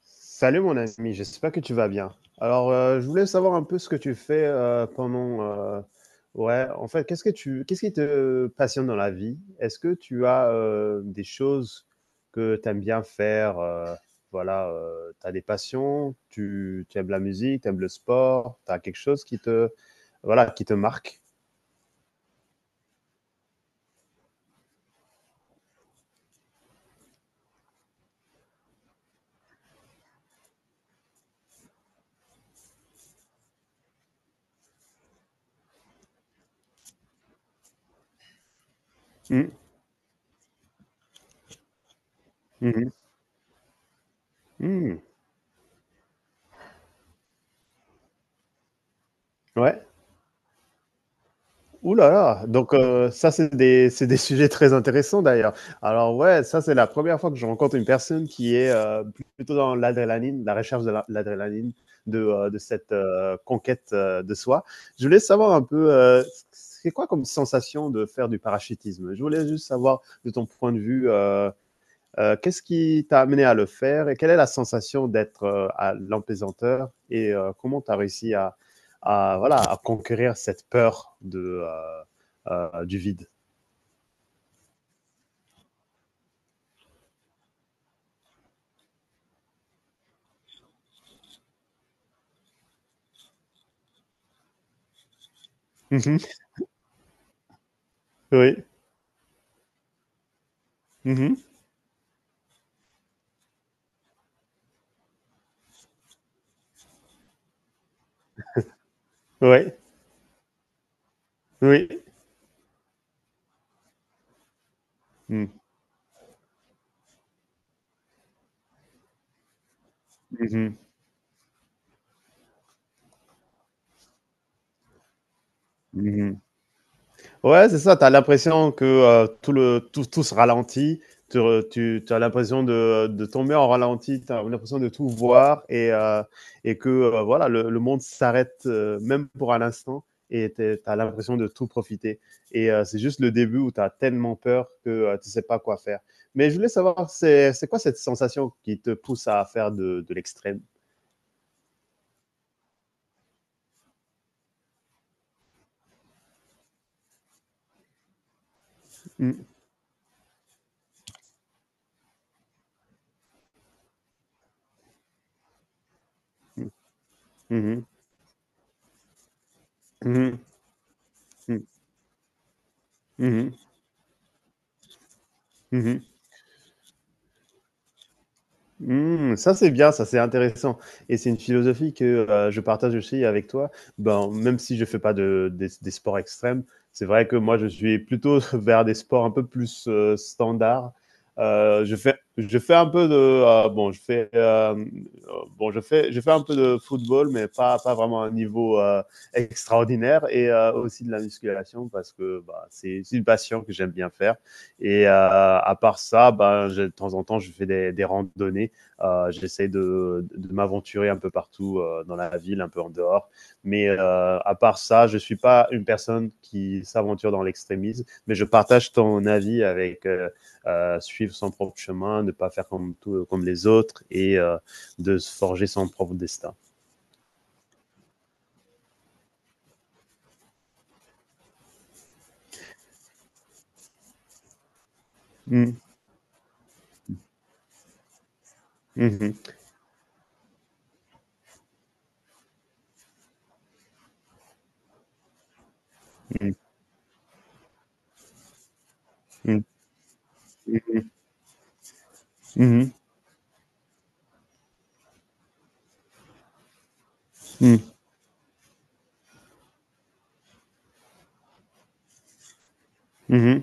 Salut mon ami, j'espère que tu vas bien. Alors, je voulais savoir un peu ce que tu fais pendant... ouais, en fait, qu'est-ce que qu'est-ce qui te passionne dans la vie? Est-ce que tu as des choses que tu aimes bien faire? Voilà, tu as des passions, tu aimes la musique, tu aimes le sport, tu as quelque chose voilà, qui te marque? Mhm, mhm, mhm. Ouais. Ouh là là, donc ça c'est des sujets très intéressants d'ailleurs. Alors ouais, ça c'est la première fois que je rencontre une personne qui est, plutôt dans l'adrénaline, la recherche de la l'adrénaline de, de cette, conquête, de soi. Je voulais savoir un peu, c'est quoi comme sensation de faire du parachutisme? Je voulais juste savoir de ton point de vue, qu'est-ce qui t'a amené à le faire et quelle est la sensation d'être à l'empaisanteur et comment tu as réussi à, voilà, à conquérir cette peur de, du vide. Mhm. Oui. Mhm. Oui. Oui. Mhm. Mhm. Mhm. Ouais, c'est ça, tu as l'impression que tout se ralentit, tu as l'impression de tomber en ralenti, tu as l'impression de tout voir et que voilà, le monde s'arrête, même pour un instant, et tu as l'impression de tout profiter. Et c'est juste le début où tu as tellement peur que tu sais pas quoi faire. Mais je voulais savoir, c'est quoi cette sensation qui te pousse à faire de l'extrême? Mmh, mmh, mmh, mmh, mmh, mmh, mmh. Mmh, ça c'est bien, ça c'est intéressant et c'est une philosophie que, je partage aussi avec toi. Ben, même si je fais pas de des sports extrêmes, c'est vrai que moi je suis plutôt vers des sports un peu plus, standards. Je fais un peu de, heu, bon je fais un peu de football mais pas vraiment à un niveau, extraordinaire, et aussi de la musculation parce que, bah, c'est une passion que j'aime bien faire, et à part ça, ben, j'ai de temps en temps je fais des randonnées. J'essaie de m'aventurer un peu partout dans la ville, un peu en dehors. Mais à part ça, je ne suis pas une personne qui s'aventure dans l'extrémisme, mais je partage ton avis avec suivre son propre chemin, ne pas faire comme, tout, comme les autres, et de se forger son propre destin. Mhm, mhm, mhm, mhm, mhm, mhm, mhm.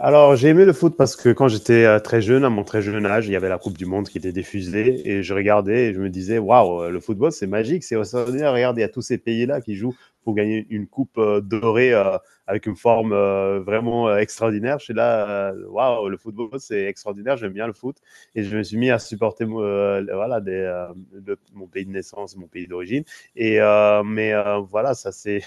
Alors, j'ai aimé le foot parce que quand j'étais très jeune, à mon très jeune âge, il y avait la Coupe du Monde qui était diffusée et je regardais et je me disais, waouh, le football, c'est magique, c'est extraordinaire. Regardez, il y a tous ces pays-là qui jouent pour gagner une coupe dorée, avec une forme vraiment extraordinaire. Je suis là, waouh, le football, c'est extraordinaire, j'aime bien le foot. Et je me suis mis à supporter voilà, mon pays de naissance, mon pays d'origine. Et mais voilà, ça c'est,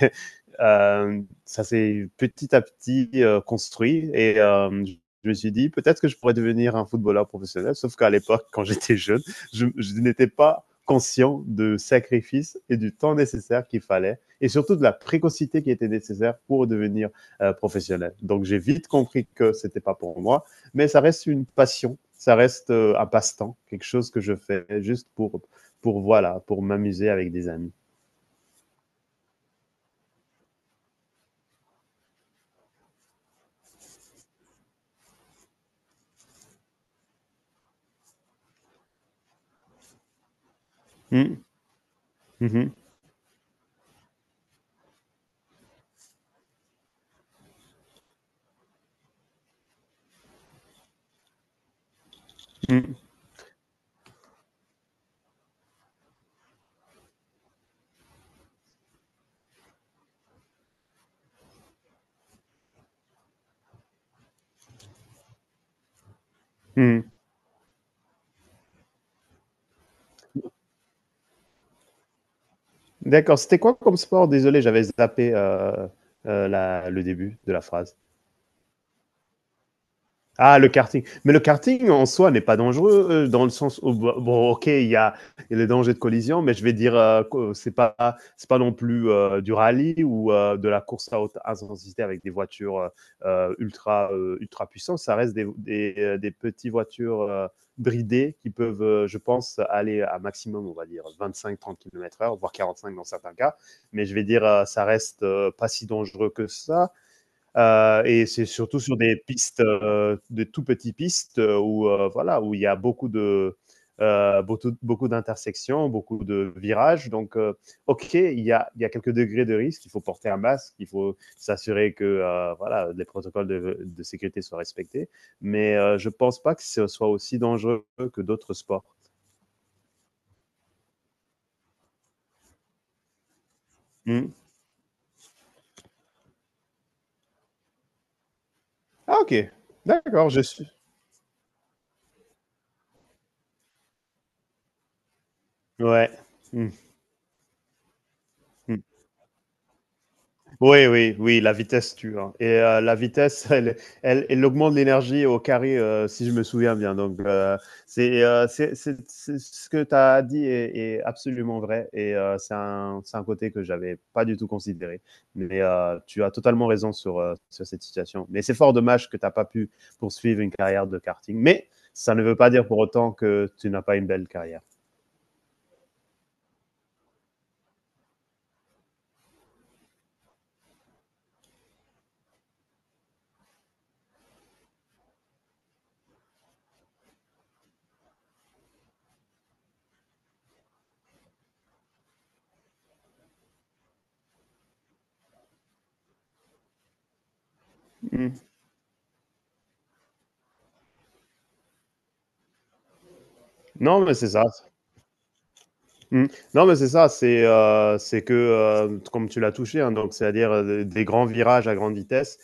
ça s'est petit à petit, construit, et je me suis dit peut-être que je pourrais devenir un footballeur professionnel. Sauf qu'à l'époque, quand j'étais jeune, je n'étais pas conscient du sacrifice et du temps nécessaire qu'il fallait et surtout de la précocité qui était nécessaire pour devenir professionnel. Donc j'ai vite compris que c'était pas pour moi, mais ça reste une passion, ça reste un passe-temps, quelque chose que je fais juste pour voilà, pour m'amuser avec des amis. Mm, mhm, mm, mm. D'accord, c'était quoi comme sport? Désolé, j'avais zappé le début de la phrase. Ah, le karting. Mais le karting en soi n'est pas dangereux dans le sens où, bon, bon, ok, il y a les dangers de collision, mais je vais dire, que c'est pas, non plus du rallye ou de la course à haute intensité avec des voitures, ultra puissantes. Ça reste des petites voitures bridées qui peuvent, je pense, aller à maximum, on va dire, 25-30 km/h, voire 45 dans certains cas. Mais je vais dire, ça reste pas si dangereux que ça. Et c'est surtout sur des pistes, des tout petits pistes, où, voilà, où il y a beaucoup de, beaucoup, beaucoup d'intersections, beaucoup de virages. Donc, ok, il y a quelques degrés de risque. Il faut porter un masque, il faut s'assurer que, voilà, les protocoles de sécurité soient respectés. Mais je pense pas que ce soit aussi dangereux que d'autres sports. Hmm. Ah, ok. D'accord, je suis. Ouais. Hmm. Hmm. Oui, oui, oui, la vitesse tue, hein. Et la vitesse, elle augmente l'énergie au carré, si je me souviens bien. Donc, c'est, ce que tu as dit est absolument vrai. Et c'est un, côté que j'avais pas du tout considéré. Mais tu as totalement raison sur cette situation. Mais c'est fort dommage que tu n'as pas pu poursuivre une carrière de karting. Mais ça ne veut pas dire pour autant que tu n'as pas une belle carrière. Mm. Non, mais c'est ça. Mmh. Non, mais c'est ça, c'est que, comme tu l'as touché, hein, donc c'est-à-dire, des grands virages à grande vitesse,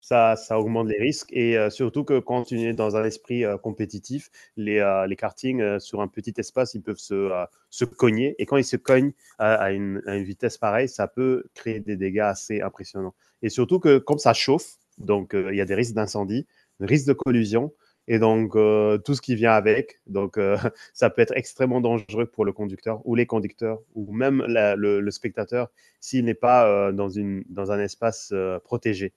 ça augmente les risques, et surtout que quand tu es dans un esprit compétitif, les kartings, sur un petit espace, ils peuvent se cogner, et quand ils se cognent à, à une vitesse pareille, ça peut créer des dégâts assez impressionnants. Et surtout que comme ça chauffe, donc il y a des risques d'incendie, des risques de collusion, et donc tout ce qui vient avec, donc ça peut être extrêmement dangereux pour le conducteur ou les conducteurs, ou même spectateur, s'il n'est pas dans un espace protégé.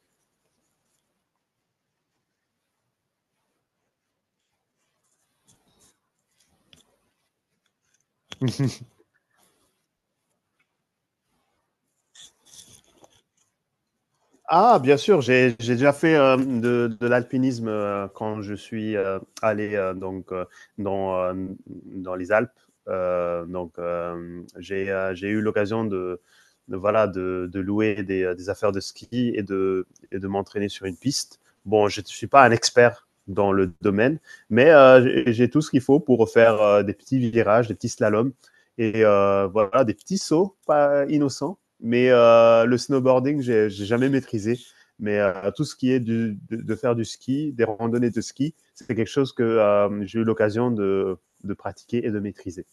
Ah, bien sûr, j'ai déjà fait de l'alpinisme quand je suis, allé, donc, dans, euh, dans les Alpes. Donc, j'ai eu l'occasion voilà, de louer des affaires de ski, et de m'entraîner sur une piste. Bon, je ne suis pas un expert dans le domaine, mais j'ai tout ce qu'il faut pour faire des petits virages, des petits slaloms, et voilà, des petits sauts pas innocents. Mais le snowboarding, j'ai jamais maîtrisé. Mais tout ce qui est de faire du ski, des randonnées de ski, c'est quelque chose que j'ai eu l'occasion de pratiquer et de maîtriser.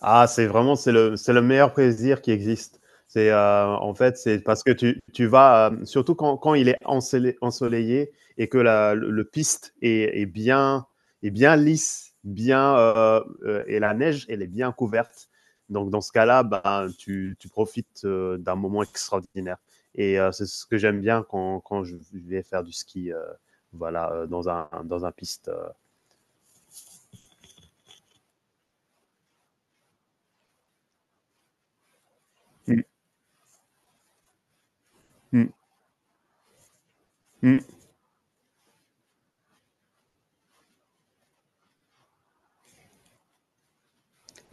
Ah, c'est vraiment, c'est le meilleur plaisir qui existe. C'est, en fait, c'est parce que tu vas, surtout quand il est ensolé ensoleillé et que la le piste est bien lisse, bien, et la neige, elle est bien couverte. Donc dans ce cas-là, ben, tu profites, d'un moment extraordinaire, et c'est ce que j'aime bien quand je vais faire du ski, voilà, dans un, piste. Mmh mh. Mmh.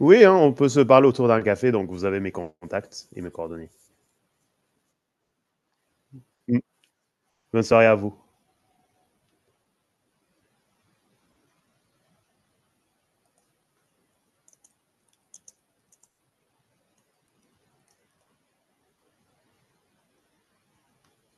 Oui, hein, on peut se parler autour d'un café, donc vous avez mes contacts et mes coordonnées. Mm. Bonne soirée à vous.